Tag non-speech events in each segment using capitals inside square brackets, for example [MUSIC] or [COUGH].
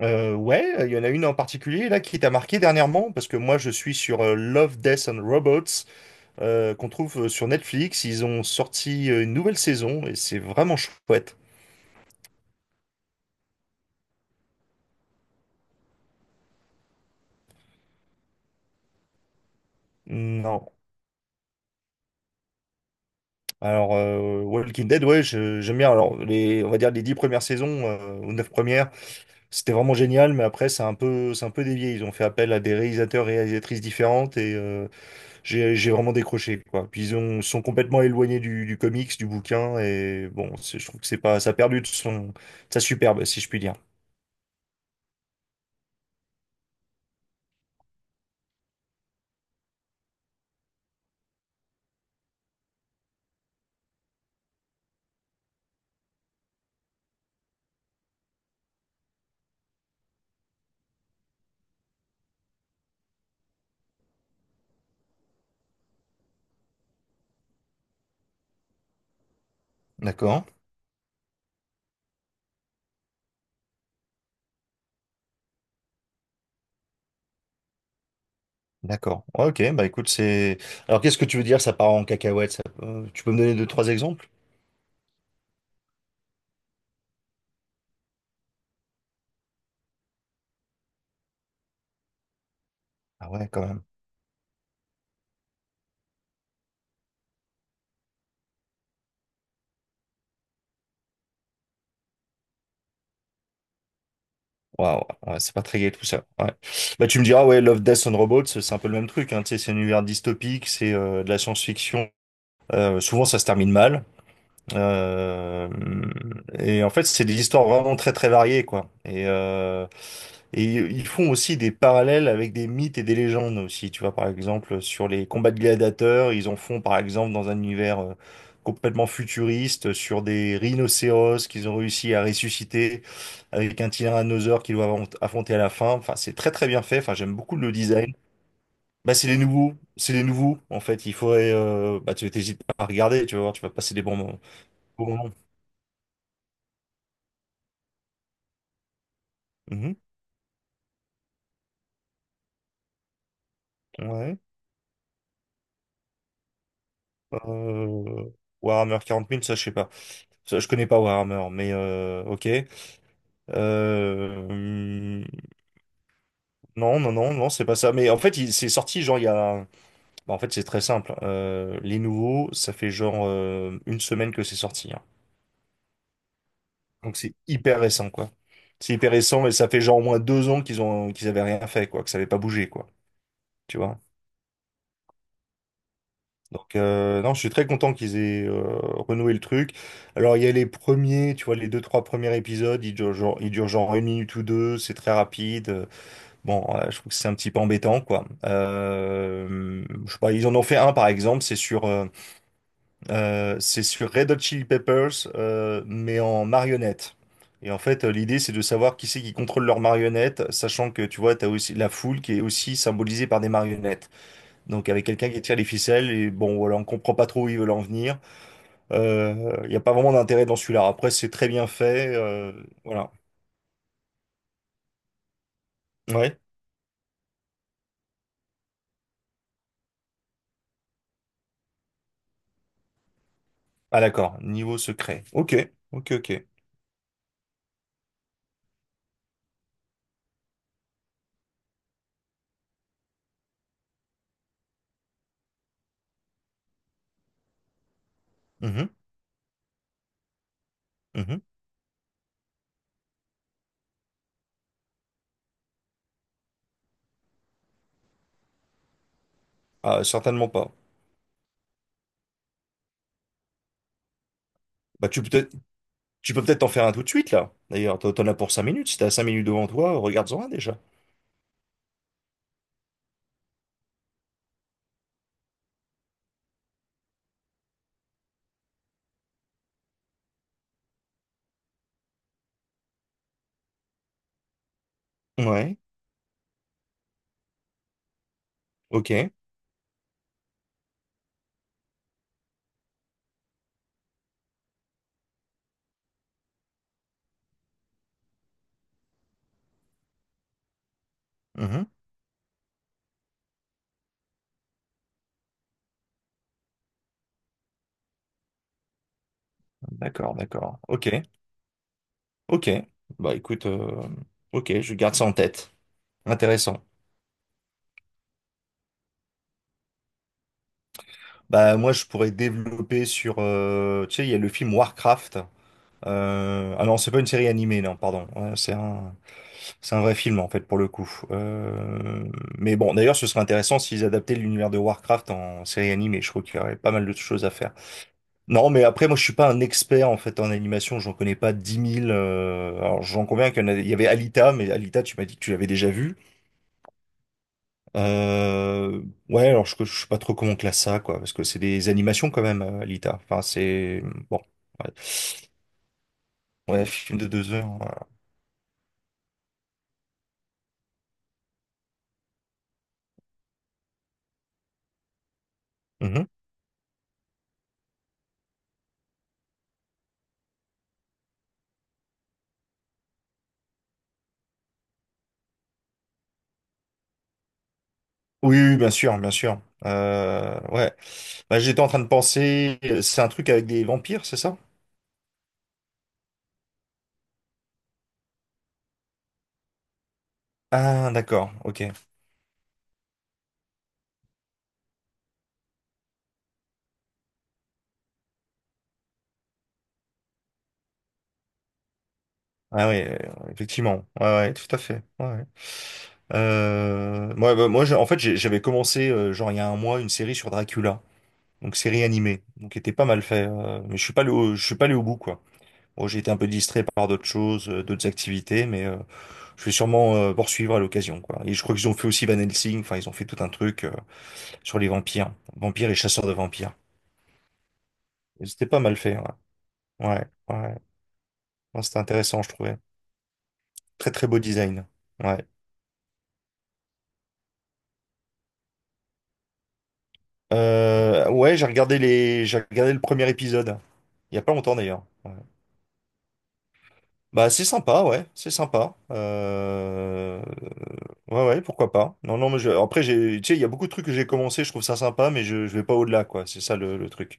Ouais, il y en a une en particulier là qui t'a marqué dernièrement parce que moi je suis sur Love, Death and Robots qu'on trouve sur Netflix. Ils ont sorti une nouvelle saison et c'est vraiment chouette. Non. Alors Walking Dead, ouais, j'aime bien. Alors on va dire les 10 premières saisons ou neuf premières, c'était vraiment génial, mais après c'est un peu dévié. Ils ont fait appel à des réalisateurs, réalisatrices différentes et j'ai vraiment décroché, quoi. Puis ils sont complètement éloignés du comics, du bouquin, et bon, je trouve que c'est pas, ça a perdu de sa superbe, si je puis dire. D'accord, d'accord. Ouais, ok, bah écoute, c'est. Alors qu'est-ce que tu veux dire, ça part en cacahuète, tu peux me donner deux, trois exemples? Ah ouais, quand même. Waouh, ouais, c'est pas très gai tout ça. Ouais. Bah tu me diras, ouais, Love, Death and Robots, c'est un peu le même truc, hein, tu sais, c'est un univers dystopique, c'est de la science-fiction. Souvent ça se termine mal. Euh, et en fait, c'est des histoires vraiment très très variées, quoi. Et ils font aussi des parallèles avec des mythes et des légendes aussi. Tu vois, par exemple, sur les combats de gladiateurs, ils en font par exemple dans un univers complètement futuriste, sur des rhinocéros qu'ils ont réussi à ressusciter avec un tyrannosaure qu'ils doivent affronter à la fin. Enfin, c'est très très bien fait. Enfin, j'aime beaucoup le design. Bah, c'est les nouveaux en fait. Il faudrait, bah, tu t'hésites pas à regarder, tu vas voir, tu vas passer des bons moments. Bons moments. Mhm. Ouais. Euh, Warhammer 40 000, ça, je sais pas. Ça, je connais pas Warhammer, mais ok. Euh, hum, non, non, non, non, c'est pas ça. Mais en fait, c'est sorti, genre, il y a... bah, en fait, c'est très simple. Les nouveaux, ça fait genre une semaine que c'est sorti. Hein. Donc, c'est hyper récent, quoi. C'est hyper récent et ça fait genre au moins 2 ans qu'ils avaient rien fait, quoi, que ça avait pas bougé, quoi. Tu vois? Donc non, je suis très content qu'ils aient renoué le truc. Alors il y a les premiers, tu vois, les deux, trois premiers épisodes, ils durent genre une minute ou deux, c'est très rapide. Bon, je trouve que c'est un petit peu embêtant, quoi. Je sais pas, ils en ont fait un par exemple, c'est sur Red Hot Chili Peppers, mais en marionnette. Et en fait, l'idée, c'est de savoir qui c'est qui contrôle leurs marionnettes, sachant que, tu vois, t'as aussi la foule qui est aussi symbolisée par des marionnettes. Donc avec quelqu'un qui tire les ficelles, et bon voilà, on comprend pas trop où ils veulent en venir. Il n'y a pas vraiment d'intérêt dans celui-là. Après, c'est très bien fait. Voilà. Ouais. Ah d'accord, niveau secret. Ok, ok, ok. Mhm, mhm. Ah, certainement pas. Bah tu peux peut-être en faire un tout de suite là. D'ailleurs, t'en as pour 5 minutes. Si t'as 5 minutes devant toi, regarde-en un déjà. Ouais, ok. Mhm. D'accord, d'accord. Ok, ok. Bah écoute, ok, je garde ça en tête. Intéressant. Bah moi je pourrais développer sur tu sais il y a le film Warcraft. Ah non c'est pas une série animée, non, pardon. Ouais, c'est un vrai film en fait pour le coup. Mais bon d'ailleurs ce serait intéressant s'ils adaptaient l'univers de Warcraft en série animée. Je crois qu'il y aurait pas mal de choses à faire. Non mais après moi je suis pas un expert en fait en animation. J'en connais pas 10 000 alors j'en conviens qu'il y avait Alita mais Alita tu m'as dit que tu l'avais déjà vu. Euh, ouais, alors je sais pas trop comment on classe ça, quoi, parce que c'est des animations quand même, Alita. Enfin, c'est bon. Ouais. Ouais, film de 2 heures. Voilà. Mhm. Oui, oui, bien sûr, bien sûr. Ouais. Bah, j'étais en train de penser, c'est un truc avec des vampires, c'est ça? Ah, d'accord, ok. Ah oui, effectivement. Ouais, ouais, tout à fait. Ouais. Ouais. Ouais, bah, moi, j'avais commencé, genre, il y a un mois, une série sur Dracula. Donc série animée, donc qui était pas mal fait. Mais je suis pas allé je suis pas allé au bout quoi. Bon, j'ai été un peu distrait par d'autres choses, d'autres activités, mais je vais sûrement poursuivre à l'occasion quoi. Et je crois qu'ils ont fait aussi Van Helsing. Enfin, ils ont fait tout un truc sur les vampires, vampires et chasseurs de vampires. Et c'était pas mal fait. Ouais, ouais, ouais. Non, c'était intéressant, je trouvais. Très très beau design. Ouais, ouais, j'ai regardé j'ai regardé le premier épisode. Il y a pas longtemps d'ailleurs. Ouais. Bah, c'est sympa. Ouais, ouais, pourquoi pas. Non, non, mais je... après, j'ai, tu sais, il y a beaucoup de trucs que j'ai commencé, je trouve ça sympa, mais je vais pas au-delà, quoi. C'est ça le truc.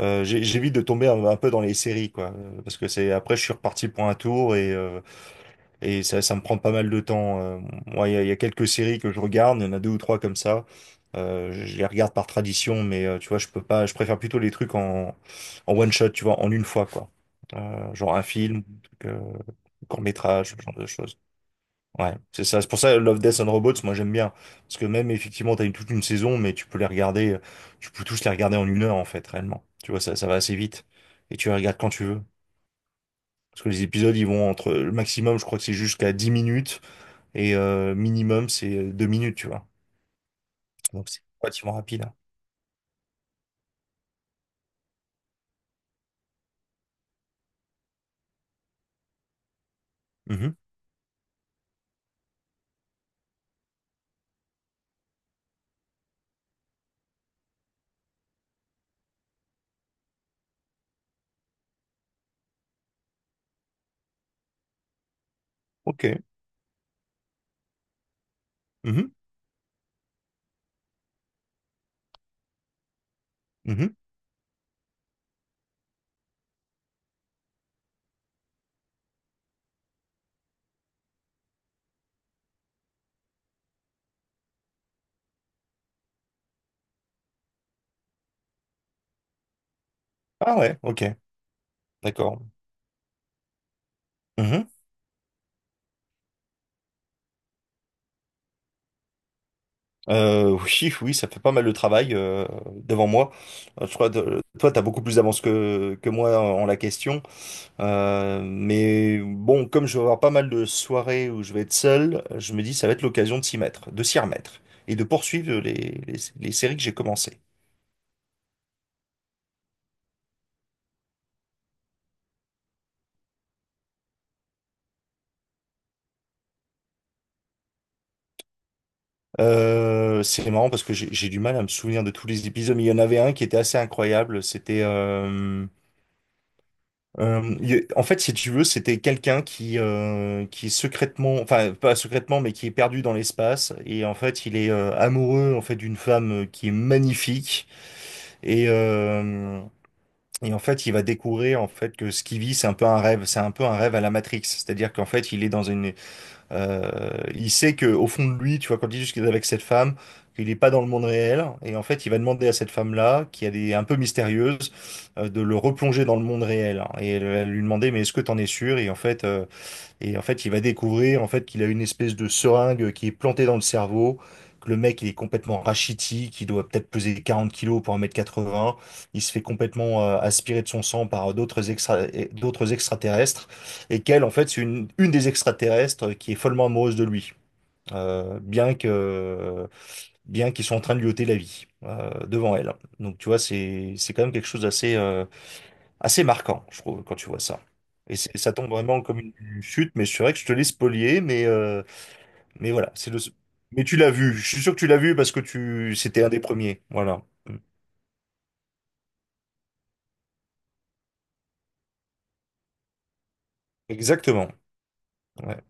J'évite de tomber un peu dans les séries, quoi, parce que c'est après, je suis reparti pour un tour et ça me prend pas mal de temps. Moi, il il y a quelques séries que je regarde, il y en a deux ou trois comme ça. Je les regarde par tradition, mais tu vois, je peux pas, je préfère plutôt les trucs en one shot, tu vois, en une fois, quoi. Genre un film, un truc, court-métrage, ce genre de choses. Ouais, c'est ça. C'est pour ça Love, Death and Robots, moi j'aime bien. Parce que même effectivement, t'as toute une saison, mais tu peux les regarder, tu peux tous les regarder en une heure en fait, réellement. Tu vois, ça va assez vite. Et tu les regardes quand tu veux. Parce que les épisodes, ils vont le maximum, je crois que c'est jusqu'à 10 minutes. Et minimum, c'est 2 minutes, tu vois. Donc c'est relativement rapide. Mhm. Ok. Mhm. Mhm. Ah ouais, ok. D'accord. Mhm. [LAUGHS] Oui, oui, ça fait pas mal de travail devant moi. Je crois que toi, t'as beaucoup plus d'avance que moi en la question. Mais bon, comme je vais avoir pas mal de soirées où je vais être seul, je me dis ça va être l'occasion de s'y mettre, de s'y remettre et de poursuivre les séries que j'ai commencées. C'est marrant parce que j'ai du mal à me souvenir de tous les épisodes, mais il y en avait un qui était assez incroyable. En fait, si tu veux, c'était quelqu'un qui est secrètement, enfin pas secrètement, mais qui est perdu dans l'espace et en fait, il est amoureux en fait d'une femme qui est magnifique et et en fait, il va découvrir en fait que ce qu'il vit, c'est un peu un rêve, c'est un peu un rêve à la Matrix. C'est-à-dire qu'en fait, il est il sait que au fond de lui, tu vois, quand il dit juste qu'il est avec cette femme, qu'il n'est pas dans le monde réel, et en fait, il va demander à cette femme-là, qui elle est un peu mystérieuse, de le replonger dans le monde réel, hein. Et elle va lui demander, mais est-ce que t'en es sûr? Et en fait, il va découvrir en fait qu'il a une espèce de seringue qui est plantée dans le cerveau, que le mec il est complètement rachitique, il doit peut-être peser 40 kilos pour 1,80 m, il se fait complètement aspirer de son sang par d'autres extraterrestres, et qu'elle en fait c'est une des extraterrestres qui est follement amoureuse de lui, euh, bien que bien qu'ils sont en train de lui ôter la vie devant elle. Donc tu vois, c'est quand même quelque chose d'assez assez marquant, je trouve, quand tu vois ça. Et ça tombe vraiment comme une chute, mais c'est vrai que je te l'ai spolié, mais voilà, c'est le... Mais tu l'as vu, je suis sûr que tu l'as vu parce que tu c'était un des premiers, voilà. Exactement. Ouais.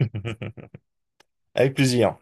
[LAUGHS] Avec plaisir.